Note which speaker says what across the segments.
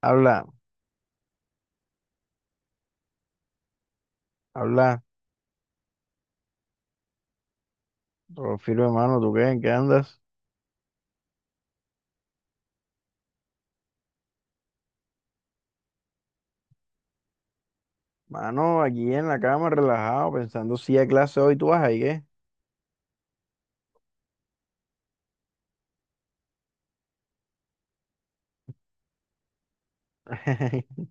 Speaker 1: Habla, habla, Rofilo hermano, ¿tú qué? ¿En qué andas? Mano, aquí en la cama, relajado, pensando si a clase hoy, ¿tú vas ahí qué?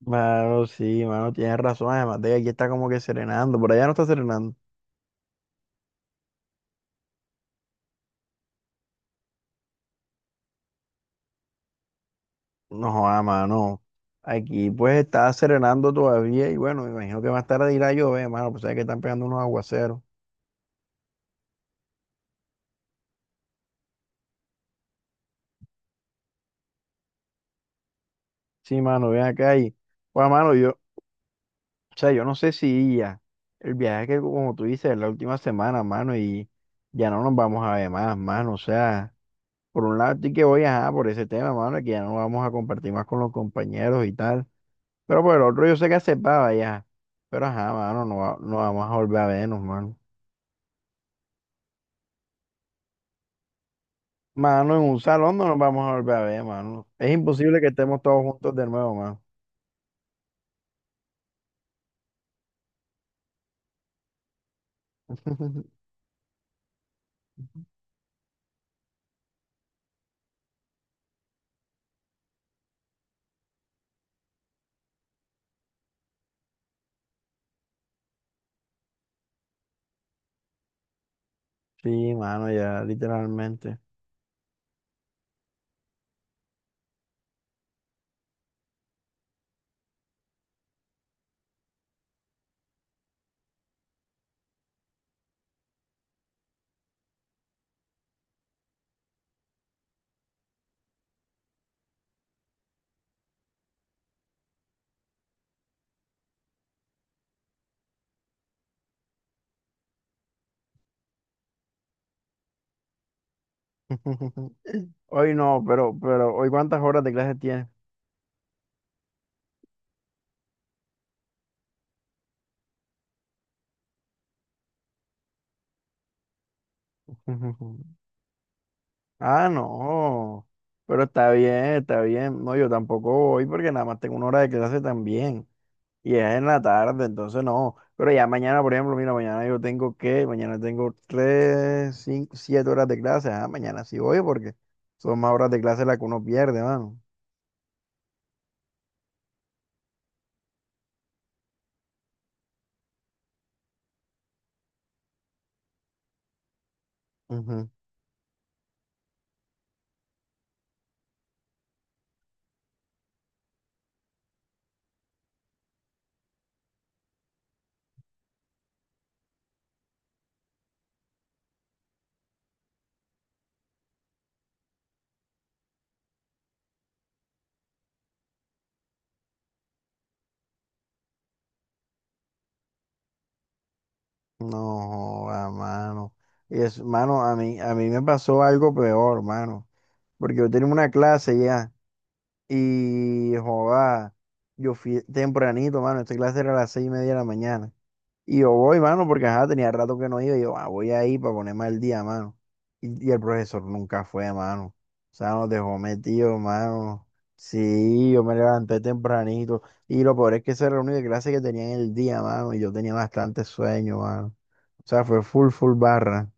Speaker 1: Mano, sí, mano, tienes razón, además de que aquí está como que serenando, por allá no está serenando. No, joda mano, aquí pues está serenando todavía y bueno, me imagino que más tarde irá a llover, mano, pues sabes que están pegando unos aguaceros. Sí, mano, ven acá y, pues, mano, yo, o sea, yo no sé si ya el viaje que, como tú dices, es la última semana, mano, y ya no nos vamos a ver más, mano. O sea, por un lado estoy que voy a por ese tema, mano, de que ya no vamos a compartir más con los compañeros y tal. Pero por el otro yo sé que aceptaba ya. Pero ajá, mano, no, no vamos a volver a vernos, mano. Mano, en un salón no nos vamos a volver a ver, mano. Es imposible que estemos todos juntos de nuevo, mano. Sí, mano, ya, literalmente. Hoy no, pero, ¿hoy cuántas horas de clase tienes? Ah, no. Pero está bien, está bien. No, yo tampoco voy porque nada más tengo una hora de clase también. Y es en la tarde, entonces no. Pero ya mañana, por ejemplo, mira, mañana yo tengo que, mañana tengo tres, cinco, siete horas de clase. Ah, mañana sí voy porque son más horas de clase las que uno pierde, mano. Ujú. No, a mano. Y es, mano, a mí, me pasó algo peor, mano. Porque yo tenía una clase ya. Y joda, yo fui tempranito, mano. Esta clase era a las seis y media de la mañana. Y yo voy, mano, porque ajá, tenía rato que no iba. Y yo, ah, voy ahí para ponerme al día, mano. Y el profesor nunca fue, mano. O sea, nos dejó metido, mano. Sí, yo me levanté tempranito. Y lo peor es que esa era la única clase que tenía en el día, mano. Y yo tenía bastante sueño, mano. O sea, fue full, full barra.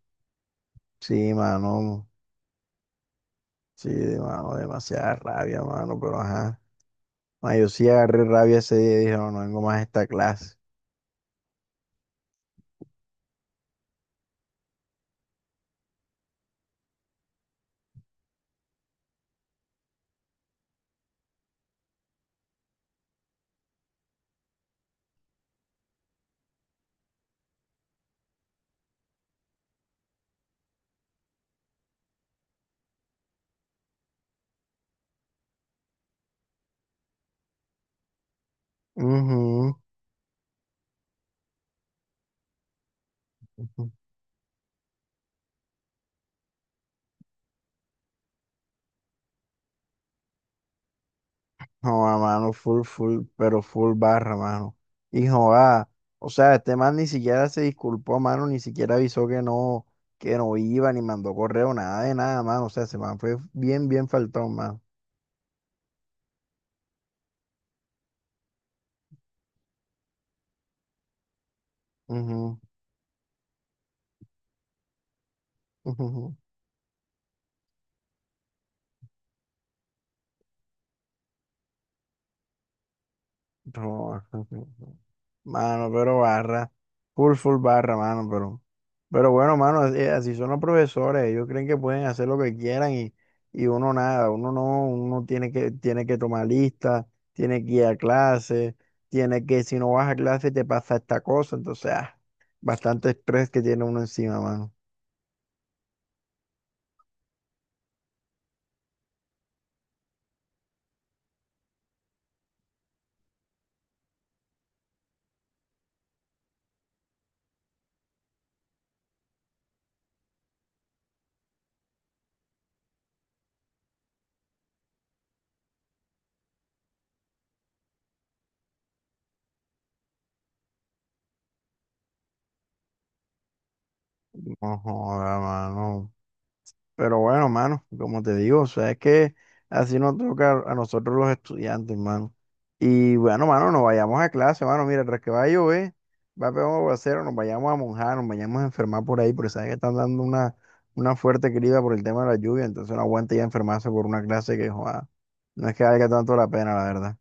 Speaker 1: Sí, mano. Sí, mano, demasiada rabia, mano, pero ajá. Ah, yo sí agarré rabia ese día y dije, no, no vengo más a esta clase. Ujú. No, a mano, full, full, pero full barra, mano. Hijo, ah, o sea, este man ni siquiera se disculpó, mano, ni siquiera avisó que no iba, ni mandó correo, nada de nada, mano. O sea, ese man fue bien, bien faltón, mano. Ujú, ujú, ujú. No, Mano, pero barra. Full, full barra, mano, pero. Pero bueno, mano, así así son los profesores. Ellos creen que pueden hacer lo que quieran y uno nada. Uno no, uno tiene que, tomar lista, tiene que ir a clase, tiene que, si no vas a clase, te pasa esta cosa. Entonces, ah, bastante estrés que tiene uno encima, mano. No joda, mano. Pero bueno, mano, como te digo, o sea, es que así nos toca a nosotros los estudiantes, mano. Y bueno, mano, nos vayamos a clase, mano. Mira, tras que va a llover, va a pegar un aguacero, nos vayamos a monjar, nos vayamos a enfermar por ahí, porque sabes que están dando una fuerte crida por el tema de la lluvia, entonces no aguanta ya enfermarse por una clase que, joda, no es que valga tanto la pena, la verdad.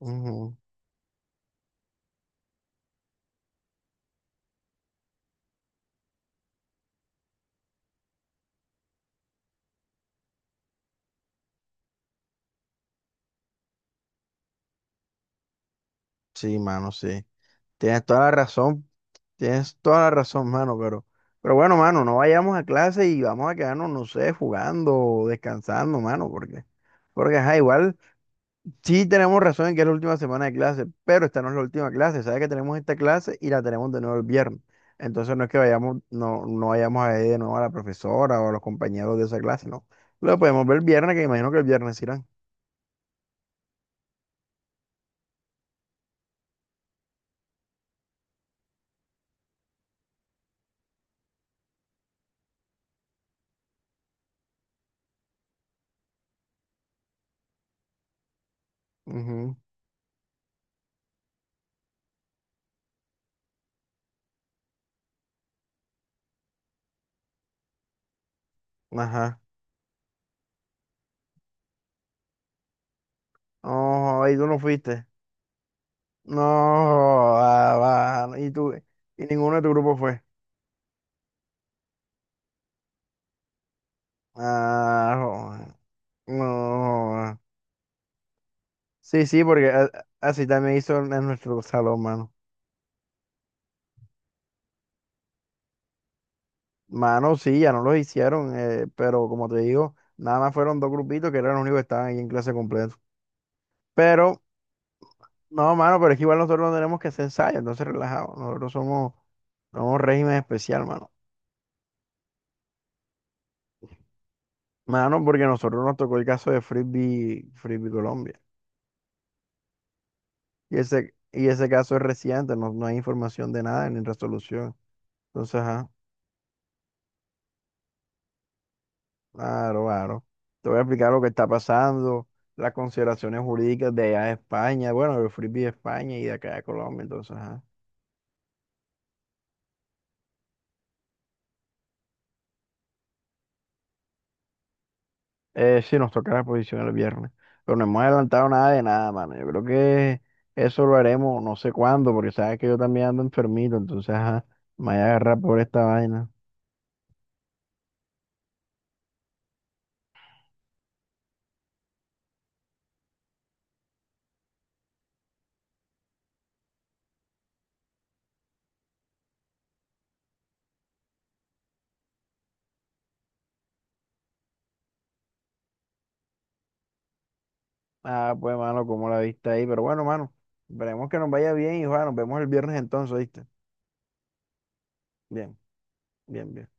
Speaker 1: Ujú. Sí, mano, sí. Tienes toda la razón. Tienes toda la razón, mano, pero, bueno, mano, no vayamos a clase y vamos a quedarnos, no sé, jugando o descansando, mano, porque ajá, igual sí tenemos razón en que es la última semana de clase, pero esta no es la última clase, sabes que tenemos esta clase y la tenemos de nuevo el viernes. Entonces no es que vayamos, no, no vayamos a ver de nuevo a la profesora o a los compañeros de esa clase, no. Lo podemos ver el viernes, que imagino que el viernes irán. Ujú, ajá. No, y tú no fuiste. No, ah, va, y tú, y ninguno de tu grupo fue. Ah, joder. No. Joder. Sí, sí, porque así también hizo en nuestro salón, mano. Mano, sí, ya no los hicieron, pero como te digo, nada más fueron dos grupitos que eran los únicos que estaban ahí en clase completo. Pero, no, mano, pero es que igual nosotros no tenemos que hacer ensayos, entonces relajados. Nosotros somos, régimen especial, mano. Mano, porque a nosotros nos tocó el caso de Frisbee, Frisbee Colombia. Y ese caso es reciente, no, no hay información de nada ni resolución. Entonces, ajá. Claro, claro. Te voy a explicar lo que está pasando, las consideraciones jurídicas de allá de España, bueno, del Frisbee de España y de acá de Colombia, entonces, ajá. Sí, nos toca la posición el viernes, pero no hemos adelantado nada de nada, mano. Yo creo que eso lo haremos no sé cuándo, porque sabes que yo también ando enfermito, entonces, ajá, me voy a agarrar por esta vaina. Ah, pues, mano, como la viste ahí, pero bueno, mano, esperemos que nos vaya bien y, bueno, nos vemos el viernes entonces, ¿viste? Bien, bien, bien.